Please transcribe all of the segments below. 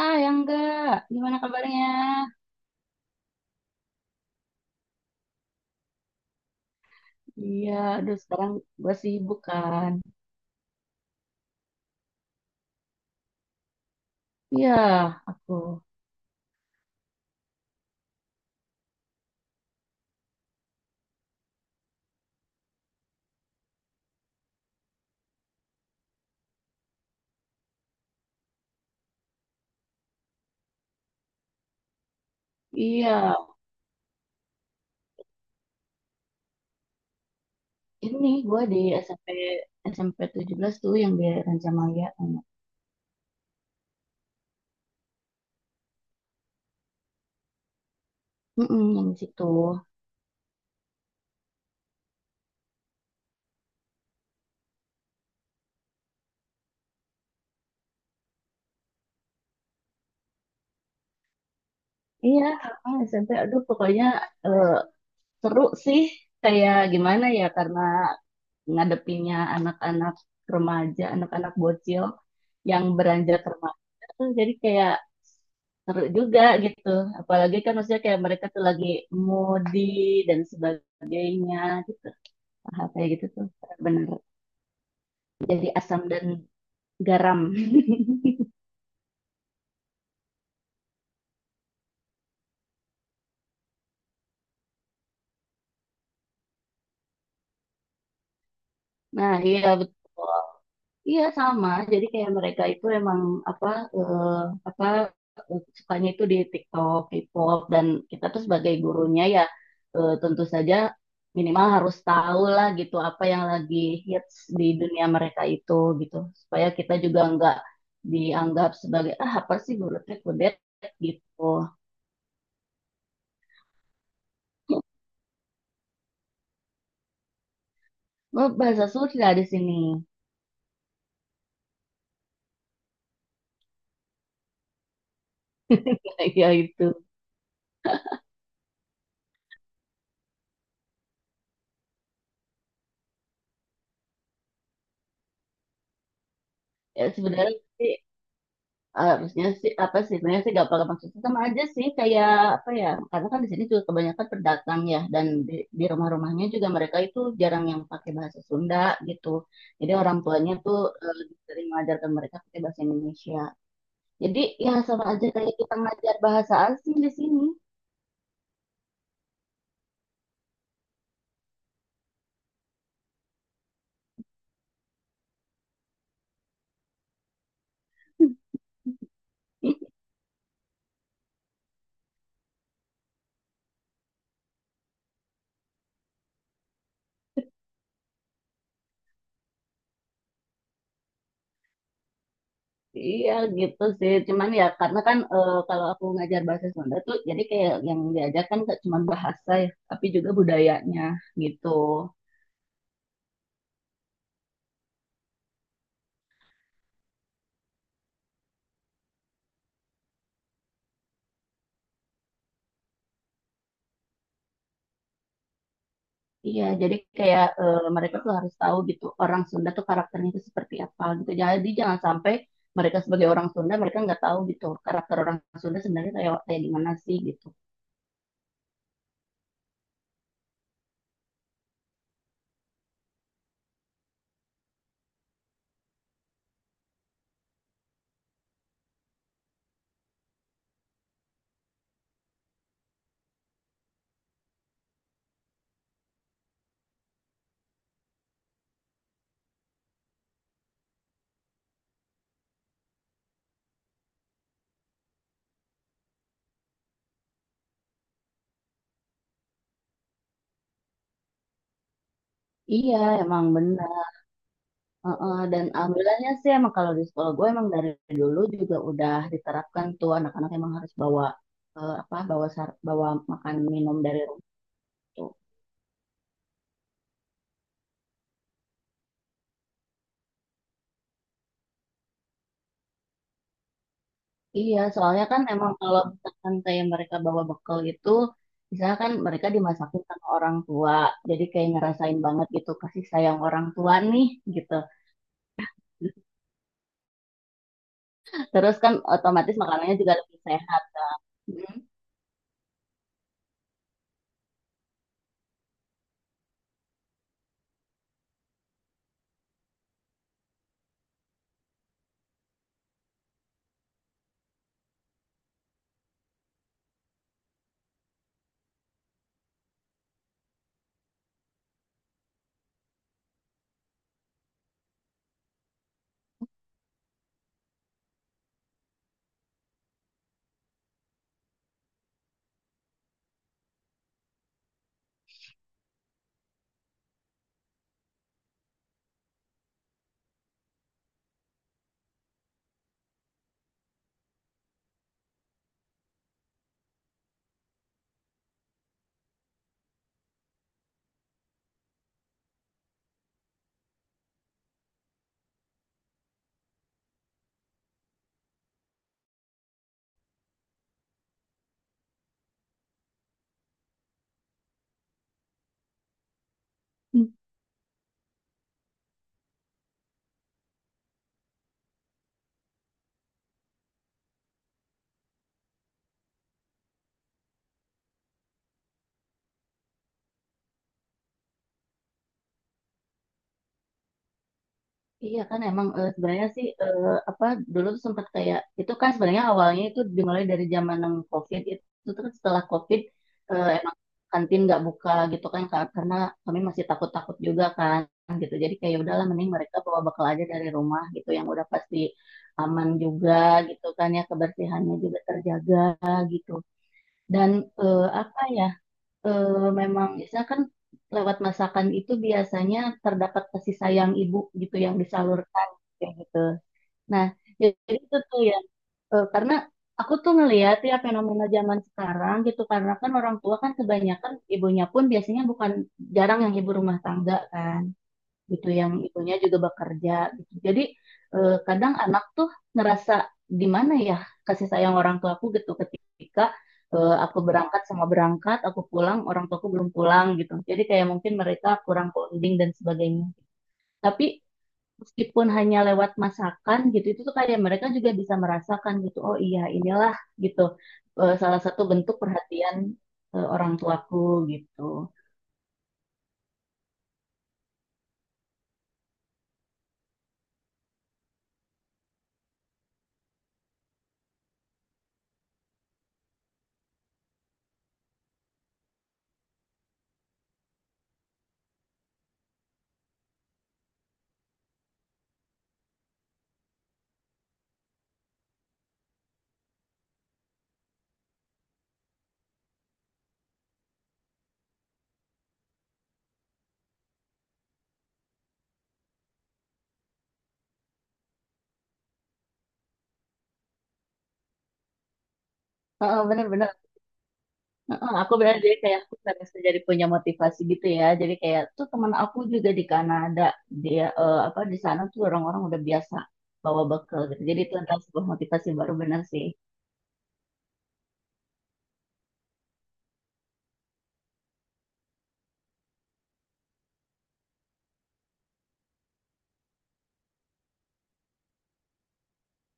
Ah, yang enggak. Gimana kabarnya? Iya, aduh sekarang gue sibuk kan. Iya, aku. Iya, ini gue di SMP SMP belas tuh yang di Rancamaya. Mm yang di situ. Iya, ah, SMP. Aduh, pokoknya eh, seru sih. Kayak gimana ya, karena ngadepinnya anak-anak remaja, anak-anak bocil yang beranjak remaja tuh jadi kayak seru juga gitu. Apalagi kan maksudnya kayak mereka tuh lagi moody dan sebagainya gitu. Hal kayak gitu tuh bener jadi asam dan garam. Nah, iya betul. Iya sama. Jadi kayak mereka itu emang apa eh, apa sukanya itu di TikTok, K-pop dan kita tuh sebagai gurunya ya, tentu saja minimal harus tahu lah gitu apa yang lagi hits di dunia mereka itu gitu supaya kita juga nggak dianggap sebagai ah apa sih guru teh kudet gitu. Oh, bahasa Sunda di sini. Kayak gitu. Ya sebenarnya sih harusnya sih apa sih sebenarnya sih gak apa maksudnya sama aja sih kayak apa ya karena kan di sini juga kebanyakan pendatang ya dan di rumah-rumahnya juga mereka itu jarang yang pakai bahasa Sunda gitu, jadi orang tuanya tuh lebih sering mengajarkan mereka pakai bahasa Indonesia, jadi ya sama aja kayak kita ngajar bahasa asing di sini. Iya gitu sih, cuman ya karena kan kalau aku ngajar bahasa Sunda tuh jadi kayak yang diajarkan gak cuma bahasa ya, tapi juga budayanya gitu. Iya, jadi kayak mereka tuh harus tahu gitu orang Sunda tuh karakternya itu seperti apa gitu. Jadi jangan sampai mereka sebagai orang Sunda mereka nggak tahu gitu karakter orang Sunda sebenarnya kayak kayak gimana sih gitu. Iya, emang benar. Heeh, dan alhamdulillahnya sih emang kalau di sekolah gue emang dari dulu juga udah diterapkan tuh anak-anak emang harus bawa apa bawa bawa makan minum dari rumah. Iya, soalnya kan emang kalau misalkan kayak mereka bawa bekal itu, misalnya kan mereka dimasakin sama orang tua, jadi kayak ngerasain banget gitu kasih sayang orang tua nih gitu. Terus kan otomatis makanannya juga lebih sehat. Hmm. Iya kan emang sebenarnya sih apa dulu tuh sempat kayak itu kan sebenarnya awalnya itu dimulai dari zaman yang COVID itu, terus setelah COVID emang kantin nggak buka gitu kan karena kami masih takut-takut juga kan gitu jadi kayak ya udahlah mending mereka bawa bekal aja dari rumah gitu yang udah pasti aman juga gitu kan ya, kebersihannya juga terjaga gitu. Dan apa ya, memang biasanya kan lewat masakan itu biasanya terdapat kasih sayang ibu gitu yang disalurkan kayak gitu. Nah, jadi itu tuh ya, karena aku tuh ngelihat ya fenomena zaman sekarang gitu karena kan orang tua kan kebanyakan ibunya pun biasanya bukan jarang yang ibu rumah tangga kan gitu, yang ibunya juga bekerja gitu. Jadi kadang anak tuh ngerasa di mana ya kasih sayang orang tuaku gitu ketika aku berangkat sama berangkat, aku pulang orang tuaku belum pulang gitu. Jadi kayak mungkin mereka kurang bonding dan sebagainya. Tapi meskipun hanya lewat masakan gitu itu tuh kayak mereka juga bisa merasakan gitu. Oh iya, inilah gitu, salah satu bentuk perhatian orang tuaku gitu. Heeh, bener-bener. Heeh, aku benar jadi kayak aku bisa jadi punya motivasi gitu ya. Jadi kayak tuh teman aku juga di Kanada dia apa di sana tuh orang-orang udah biasa bawa bekal gitu. Jadi itu adalah sebuah motivasi baru benar sih.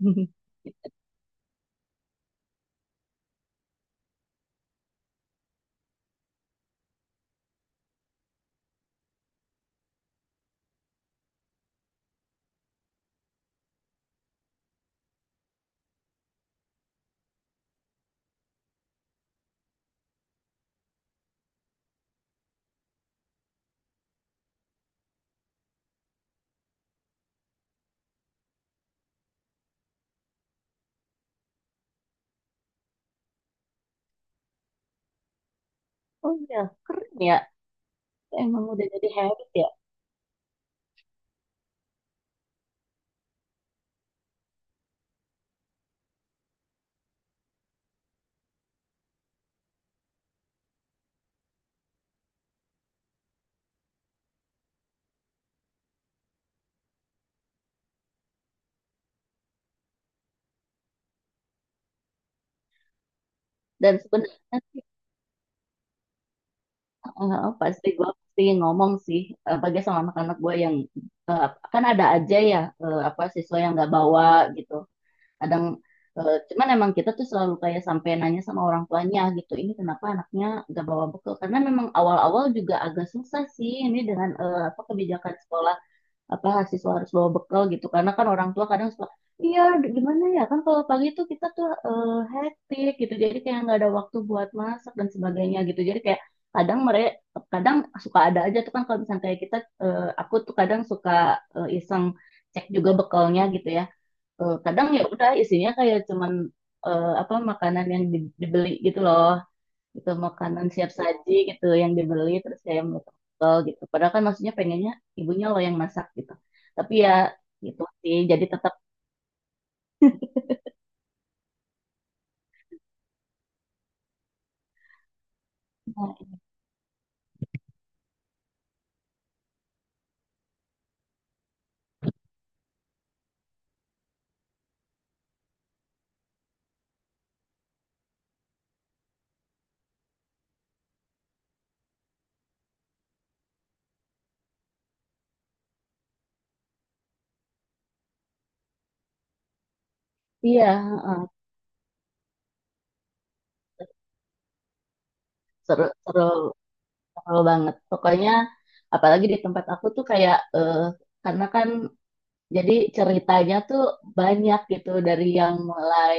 Oh iya, keren ya. Emang udah jadi habit ya. Dan sebenarnya sih pasti gue pasti ngomong sih bagi sama anak-anak gue yang eh, kan ada aja ya, apa siswa yang nggak bawa gitu. Kadang cuman emang kita tuh selalu kayak sampai nanya sama orang tuanya gitu ini kenapa anaknya gak bawa bekal karena memang awal-awal juga agak susah sih ini dengan apa kebijakan sekolah apa siswa harus bawa bekal gitu karena kan orang tua kadang suka iya gimana ya kan kalau pagi tuh kita tuh hektik gitu jadi kayak nggak ada waktu buat masak dan sebagainya gitu jadi kayak kadang mereka kadang suka ada aja tuh kan kalau misalnya kayak kita aku tuh kadang suka iseng cek juga bekalnya gitu ya. Eh, kadang ya udah isinya kayak cuman apa makanan yang dibeli gitu loh, itu makanan siap saji gitu yang dibeli terus saya mekel gitu padahal kan maksudnya pengennya ibunya loh yang masak gitu, tapi ya gitu sih jadi tetap iya heeh, seru seru seru banget pokoknya apalagi di tempat aku tuh kayak karena kan jadi ceritanya tuh banyak gitu dari yang mulai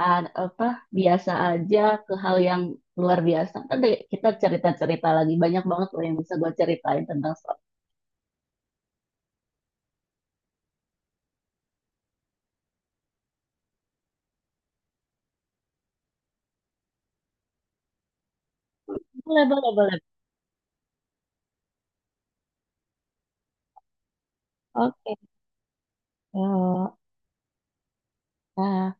apa biasa aja ke hal yang luar biasa. Nanti kita cerita-cerita lagi banyak banget loh yang bisa gue ceritain tentang Star. Boleh, boleh, boleh. Oke. Eh, eh,